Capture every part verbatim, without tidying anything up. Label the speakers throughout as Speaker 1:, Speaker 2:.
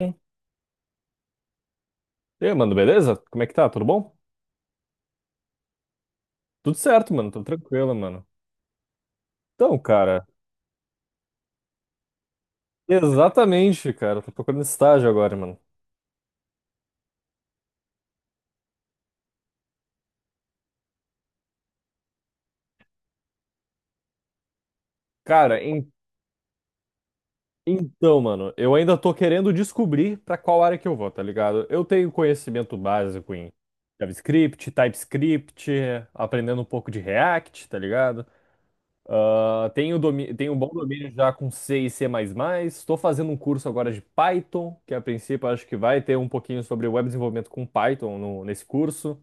Speaker 1: Hum. E aí, mano, beleza? Como é que tá? Tudo bom? Tudo certo, mano. Tô tranquilo, mano. Então, cara, exatamente, cara. Tô procurando estágio agora, mano. Cara, en- então, mano, eu ainda tô querendo descobrir pra qual área que eu vou, tá ligado? Eu tenho conhecimento básico em JavaScript, TypeScript, aprendendo um pouco de React, tá ligado? Ah, tenho, domi- tenho um bom domínio já com C e C++. Estou fazendo um curso agora de Python, que a princípio acho que vai ter um pouquinho sobre web desenvolvimento com Python no- nesse curso.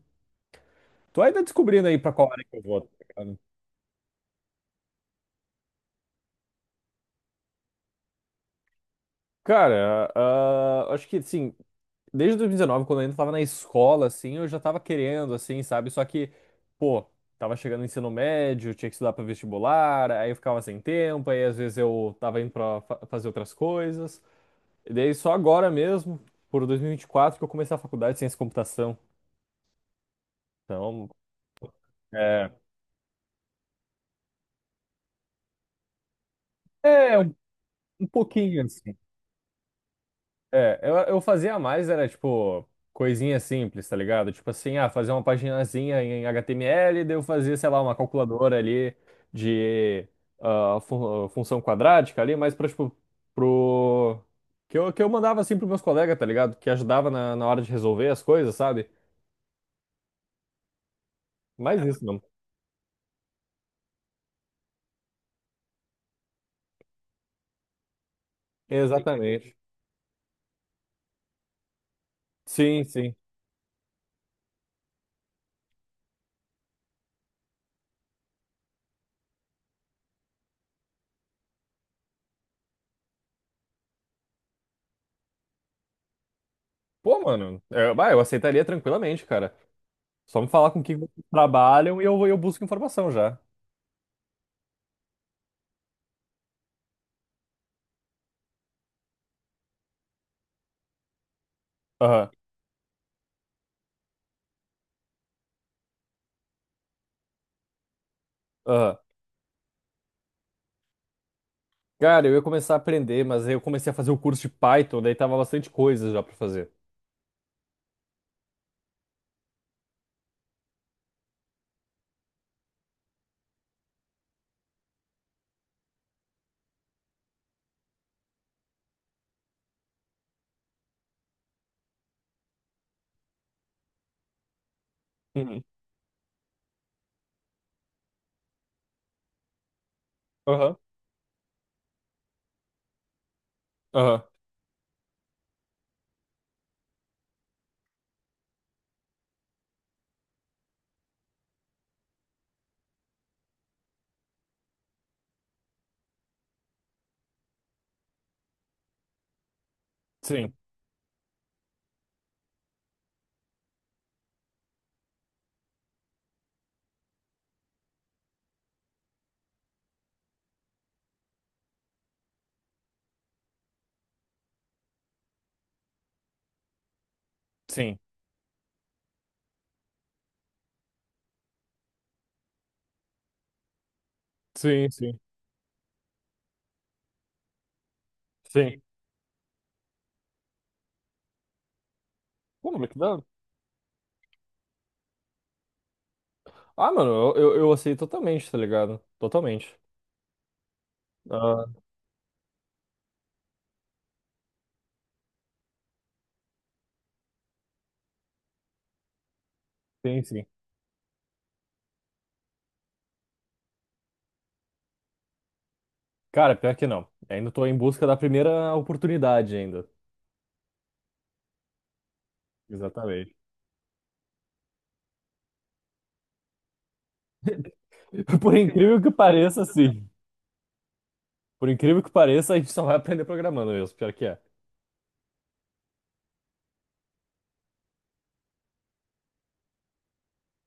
Speaker 1: Tô ainda descobrindo aí para qual área que eu vou. Tá ligado? Cara, ah, acho que assim, desde dois mil e dezenove, quando eu ainda estava na escola, assim, eu já estava querendo, assim, sabe? Só que, pô, tava chegando no ensino médio, tinha que estudar para vestibular, aí eu ficava sem tempo, aí às vezes eu tava indo para fazer outras coisas. E daí só agora mesmo, por dois mil e vinte e quatro, que eu comecei a faculdade de ciência da computação. Então, é, é um, um pouquinho assim. É, eu, eu fazia mais, era tipo coisinha simples, tá ligado? Tipo assim, ah, fazer uma paginazinha em H T M L, daí eu fazia, sei lá, uma calculadora ali de ah, fun- função quadrática ali, mas pra, tipo, pro. Que eu, que eu mandava assim pros meus colegas, tá ligado? Que ajudava na, na hora de resolver as coisas, sabe? Mas isso não. Exatamente. Sim, sim. Pô, mano, eu, bah, eu aceitaria tranquilamente, cara. Só me falar com quem vocês trabalham e eu, eu busco informação já. Aham, aham. Cara, eu ia começar a aprender, mas aí eu comecei a fazer o curso de Python, daí tava bastante coisa já pra fazer. Uhum. Aham, aham. Sim, sim, sim, sim, sim. Pô, mas que da hora. Ah, mano, eu, eu, eu aceito totalmente, tá ligado? Totalmente. Ah, sim, sim. Cara, pior que não. Ainda tô em busca da primeira oportunidade ainda. Exatamente. Por incrível que pareça, sim. Por incrível que pareça, a gente só vai aprender programando mesmo, pior que é.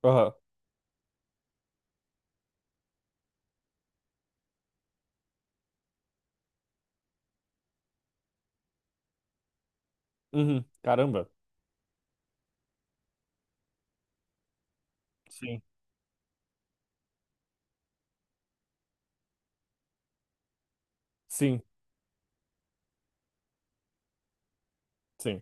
Speaker 1: Aham. Uhum. Caramba. Sim. Sim. Sim.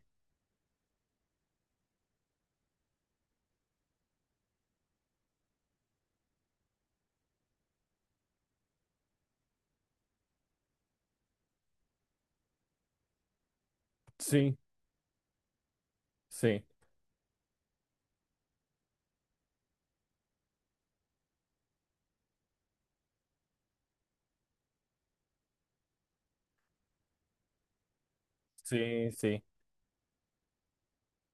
Speaker 1: Sim. Sim. Sim, sim,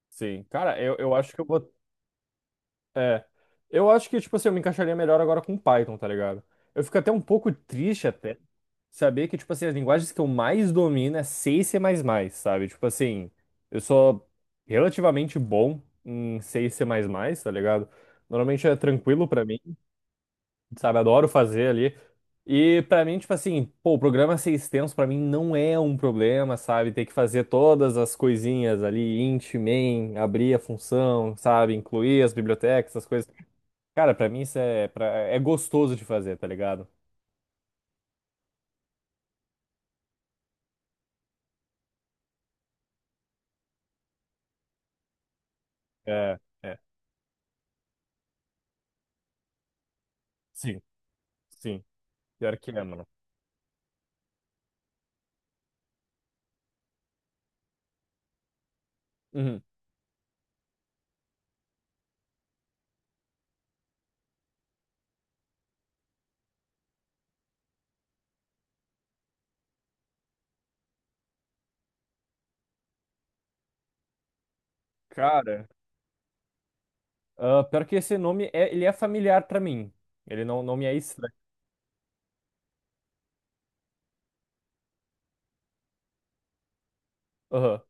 Speaker 1: sim. Cara, eu, eu acho que eu vou. É. Eu acho que, tipo assim, eu me encaixaria melhor agora com Python, tá ligado? Eu fico até um pouco triste até saber que, tipo assim, as linguagens que eu mais domino é C e C++, sabe? Tipo assim, eu sou relativamente bom em C e C++, tá ligado? Normalmente é tranquilo pra mim. Sabe? Adoro fazer ali. E pra mim, tipo assim, pô, o programa ser extenso pra mim não é um problema, sabe? Ter que fazer todas as coisinhas ali, int, main, abrir a função, sabe? Incluir as bibliotecas, essas coisas. Cara, pra mim isso é, pra, é gostoso de fazer, tá ligado? É, é. Sim, sim. Pior que é, mano. Uhum. Cara, ah, pior que esse nome, é, ele é familiar pra mim. Ele não, não me é estranho. Aham.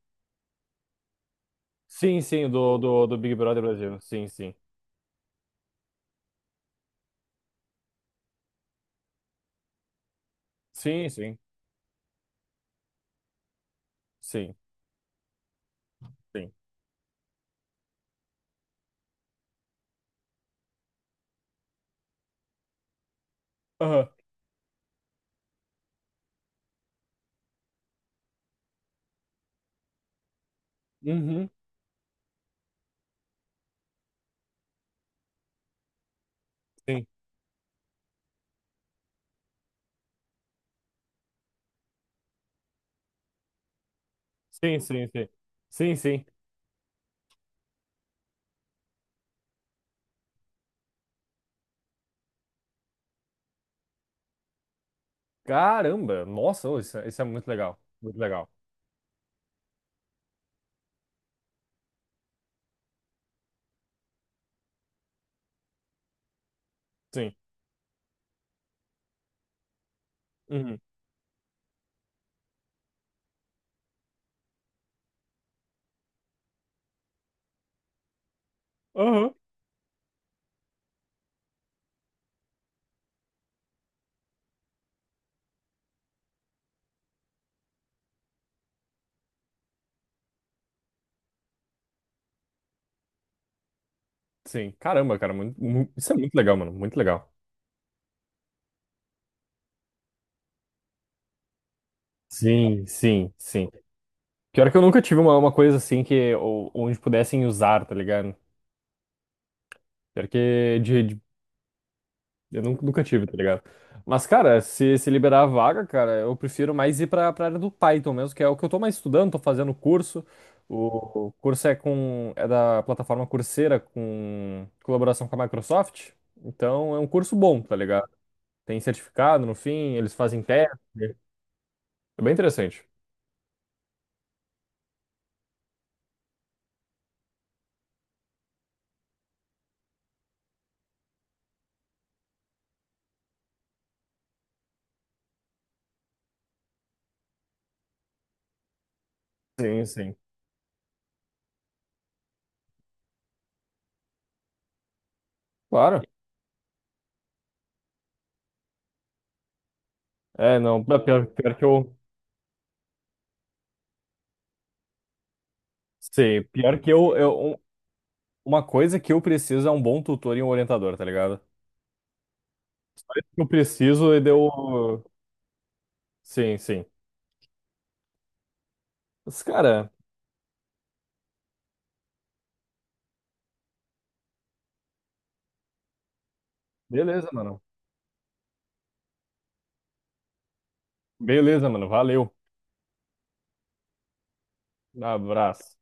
Speaker 1: Sim, sim, do, do, do Big Brother Brasil. Sim, sim. Sim, sim. Sim. Sim. Aham. Uhum. Sim. Sim, sim, sim. Sim, sim. Caramba, nossa, ô, isso, é isso é muito legal. Muito legal. Sim. Uhum. Aham. Sim. Caramba, cara, muito, mu- isso é muito legal, mano. Muito legal. Sim, sim, sim. Pior que eu nunca tive uma, uma coisa assim que o- onde pudessem usar, tá ligado? Pior que de, eu nunca, nunca tive, tá ligado? Mas, cara, se, se liberar a vaga, cara, eu prefiro mais ir pra, pra área do Python mesmo, que é o que eu tô mais estudando, tô fazendo curso. O o curso é com, é da plataforma Coursera, com colaboração com a Microsoft. Então, é um curso bom, tá ligado? Tem certificado no fim, eles fazem teste. É bem interessante. Sim, sim. Claro. É, não, é pior, pior que eu. Sim, pior que eu, eu. um- Uma coisa que eu preciso é um bom tutor e um orientador, tá ligado? Eu preciso e deu. Sim, sim. Mas, cara, beleza, mano. Beleza, mano. Valeu. Abraço.